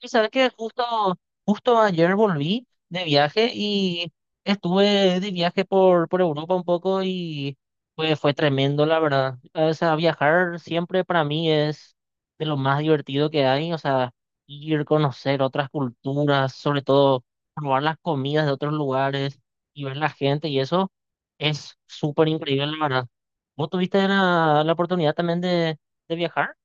Y sabes que justo, justo ayer volví de viaje y estuve de viaje por Europa un poco y pues fue tremendo, la verdad. O sea, viajar siempre para mí es de lo más divertido que hay. O sea, ir, conocer otras culturas, sobre todo probar las comidas de otros lugares y ver la gente y eso es súper increíble, la verdad. ¿Vos tuviste la oportunidad también de viajar?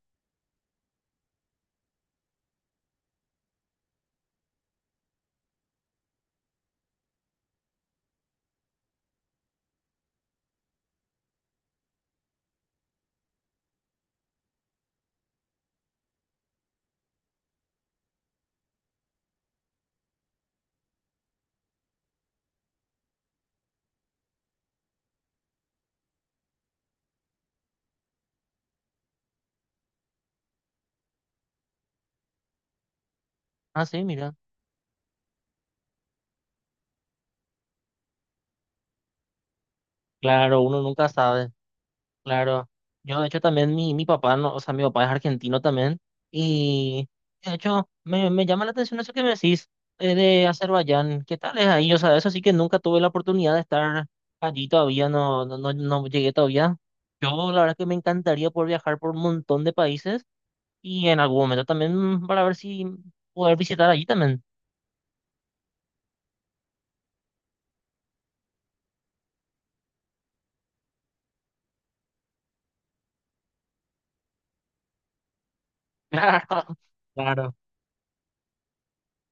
Ah, sí, mira. Claro, uno nunca sabe. Claro, yo de hecho también mi papá, no, o sea, mi papá es argentino también y de hecho me llama la atención eso que me decís de Azerbaiyán, ¿qué tal es ahí? O sea, eso sí que nunca tuve la oportunidad de estar allí todavía, no, no, no, no llegué todavía. Yo la verdad que me encantaría poder viajar por un montón de países y en algún momento también para ver si poder visitar allí también. Claro, claro,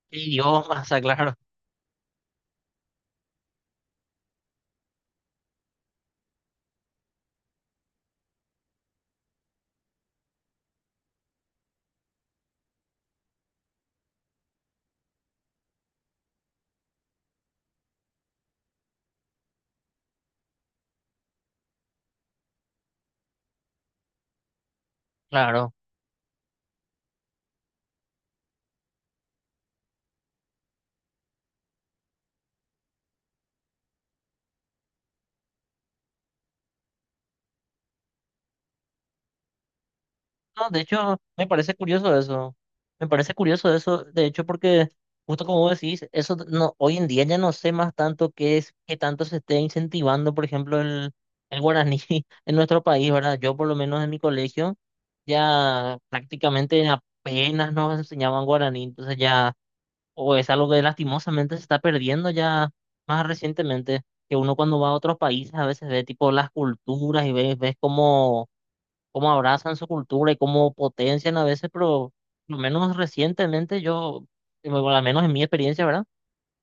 qué idioma, o sea, claro, claro. No, de hecho, me parece curioso eso. Me parece curioso eso, de hecho, porque justo como vos decís, eso no, hoy en día ya no sé más tanto qué es, qué tanto se esté incentivando, por ejemplo, el guaraní en nuestro país, ¿verdad? Yo por lo menos en mi colegio ya prácticamente apenas nos enseñaban guaraní, entonces ya, o es algo que lastimosamente se está perdiendo ya más recientemente, que uno cuando va a otros países a veces ve tipo las culturas y ves, ves cómo cómo abrazan su cultura y cómo potencian a veces, pero lo menos recientemente yo, bueno, al menos en mi experiencia, ¿verdad?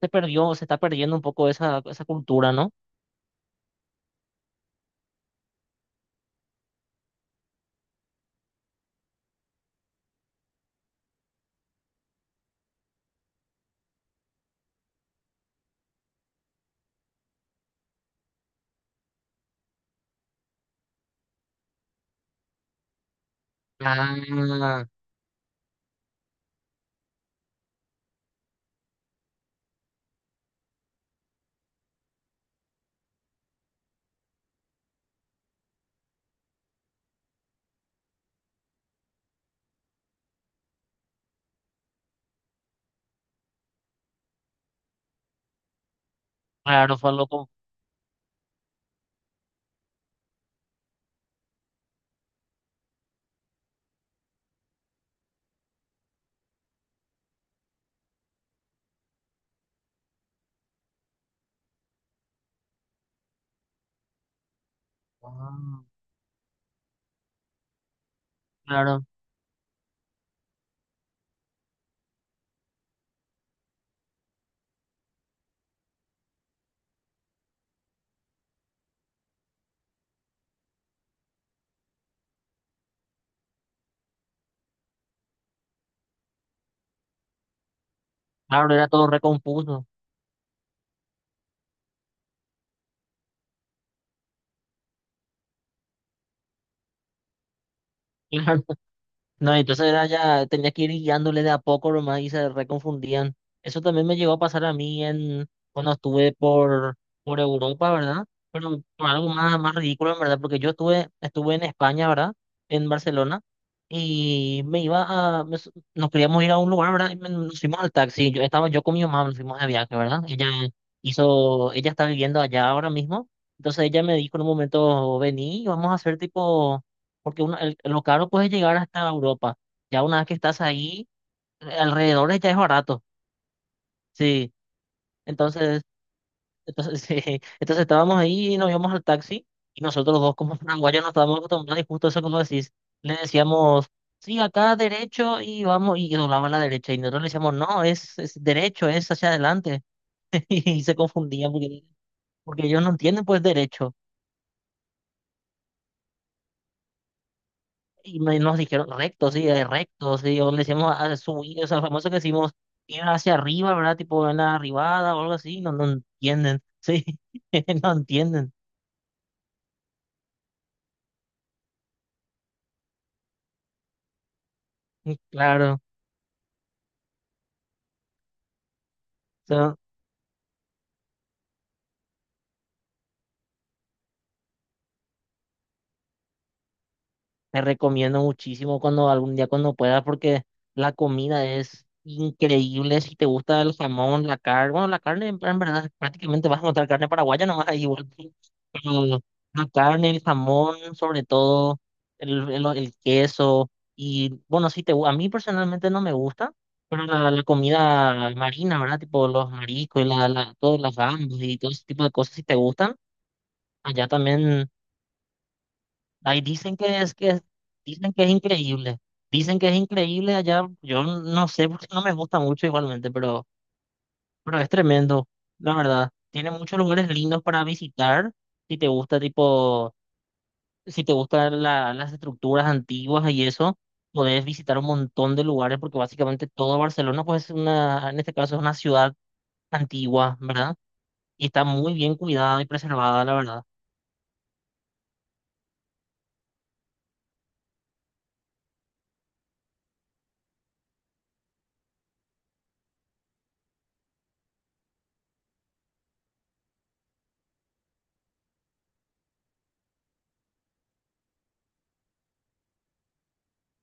Se perdió, se está perdiendo un poco esa, esa cultura, ¿no? Ah, claro, fue loco. Ah, claro, claro, era todo recompuso. No, entonces era ya, tenía que ir guiándole de a poco nomás y se reconfundían. Eso también me llegó a pasar a mí en, cuando estuve por Europa, ¿verdad? Pero por algo más, más ridículo, en verdad, porque yo estuve, estuve en España, ¿verdad? En Barcelona y me iba a, me s- nos queríamos ir a un lugar, ¿verdad? Y me- nos fuimos al taxi, yo estaba yo con mi mamá, nos fuimos de viaje, ¿verdad? Ella hizo, ella está viviendo allá ahora mismo, entonces ella me dijo en un momento, vení, vamos a hacer tipo, porque uno- el- lo caro puede llegar hasta Europa, ya una vez que estás ahí, alrededor ya es barato, sí, entonces entonces, sí, entonces estábamos ahí y nos íbamos al taxi y nosotros dos como paraguayos nos estábamos acostumbrados y justo eso como decís, le decíamos, sí, acá derecho y vamos y doblaba a la derecha y nosotros le decíamos, no, es derecho, es hacia adelante y se confundían porque, porque ellos no entienden pues derecho y me- nos dijeron recto, sí, o le decíamos a subir, o sea, famoso que decimos ir hacia arriba, ¿verdad? Tipo en la arribada o algo así, no, no entienden, sí, no entienden, claro. Te recomiendo muchísimo cuando algún día cuando puedas porque la comida es increíble. Si te gusta el jamón, la carne, bueno, la carne en verdad prácticamente vas a encontrar carne paraguaya nomás ahí igual. Pero la carne, el jamón, sobre todo el queso y bueno, sí te gu- a mí personalmente no me gusta, pero la comida marina, ¿verdad? Tipo los mariscos y la, todas las gambas y todo ese tipo de cosas si te gustan, allá también. Ahí dicen que es que dicen que es increíble. Dicen que es increíble allá. Yo no sé porque no me gusta mucho igualmente, pero es tremendo, la verdad. Tiene muchos lugares lindos para visitar. Si te gusta, tipo, si te gustan la- las estructuras antiguas y eso, podés visitar un montón de lugares porque básicamente todo Barcelona, pues es una, en este caso es una ciudad antigua, ¿verdad? Y está muy bien cuidada y preservada, la verdad.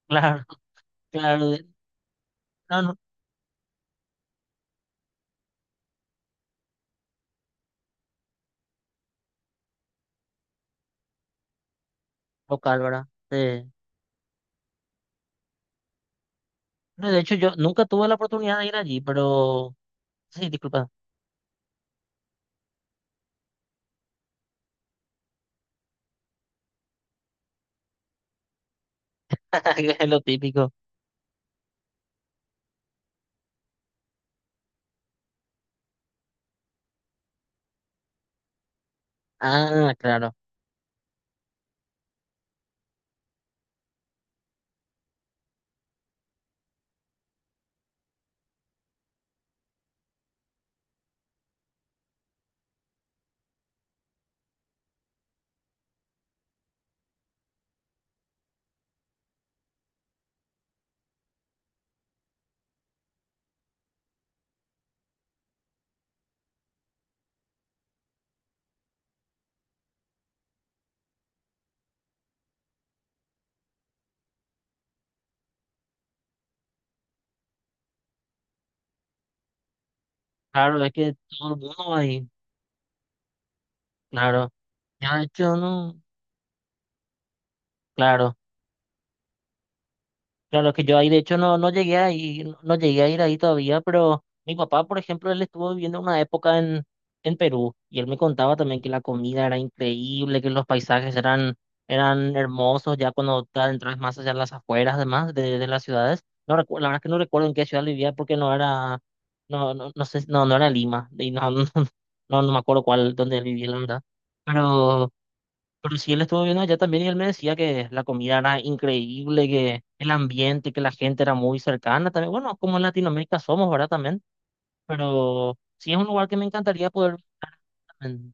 Claro, claro, de- no, no, local, ¿verdad? Sí. No, de hecho, yo nunca tuve la oportunidad de ir allí, pero sí, disculpa, es lo típico. Ah, claro, claro, es que todo el mundo va ahí, claro. Ya, de hecho, no, claro, claro, es que yo ahí, de hecho, no, no llegué a ir, no no llegué a ir ahí todavía, pero mi papá, por ejemplo, él estuvo viviendo una época en Perú y él me contaba también que la comida era increíble, que los paisajes eran, eran hermosos, ya cuando te adentras más allá en las afueras, además, de las ciudades. No recu- la verdad es que no recuerdo en qué ciudad vivía porque no era. No, no, no sé, no, no era Lima, y no, no, no, no me acuerdo cuál, dónde él vivía, la verdad. Pero, pero sí, él estuvo viendo allá también y él me decía que la comida era increíble, que el ambiente, que la gente era muy cercana también. Bueno, como en Latinoamérica somos, ¿verdad? También. Pero sí es un lugar que me encantaría poder ver también.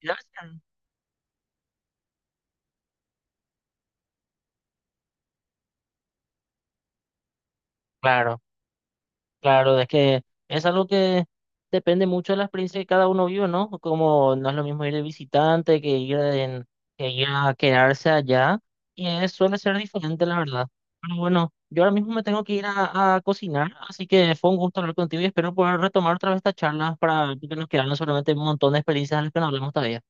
Gracias. Claro. Claro, es que es algo que depende mucho de la experiencia que cada uno vive, ¿no? Como no es lo mismo ir de visitante que ir, en- que ir a quedarse allá, y es- suele ser diferente, la verdad. Pero bueno, yo ahora mismo me tengo que ir a cocinar, así que fue un gusto hablar contigo y espero poder retomar otra vez esta charla para que nos quedaron solamente un montón de experiencias de las que no hablamos todavía.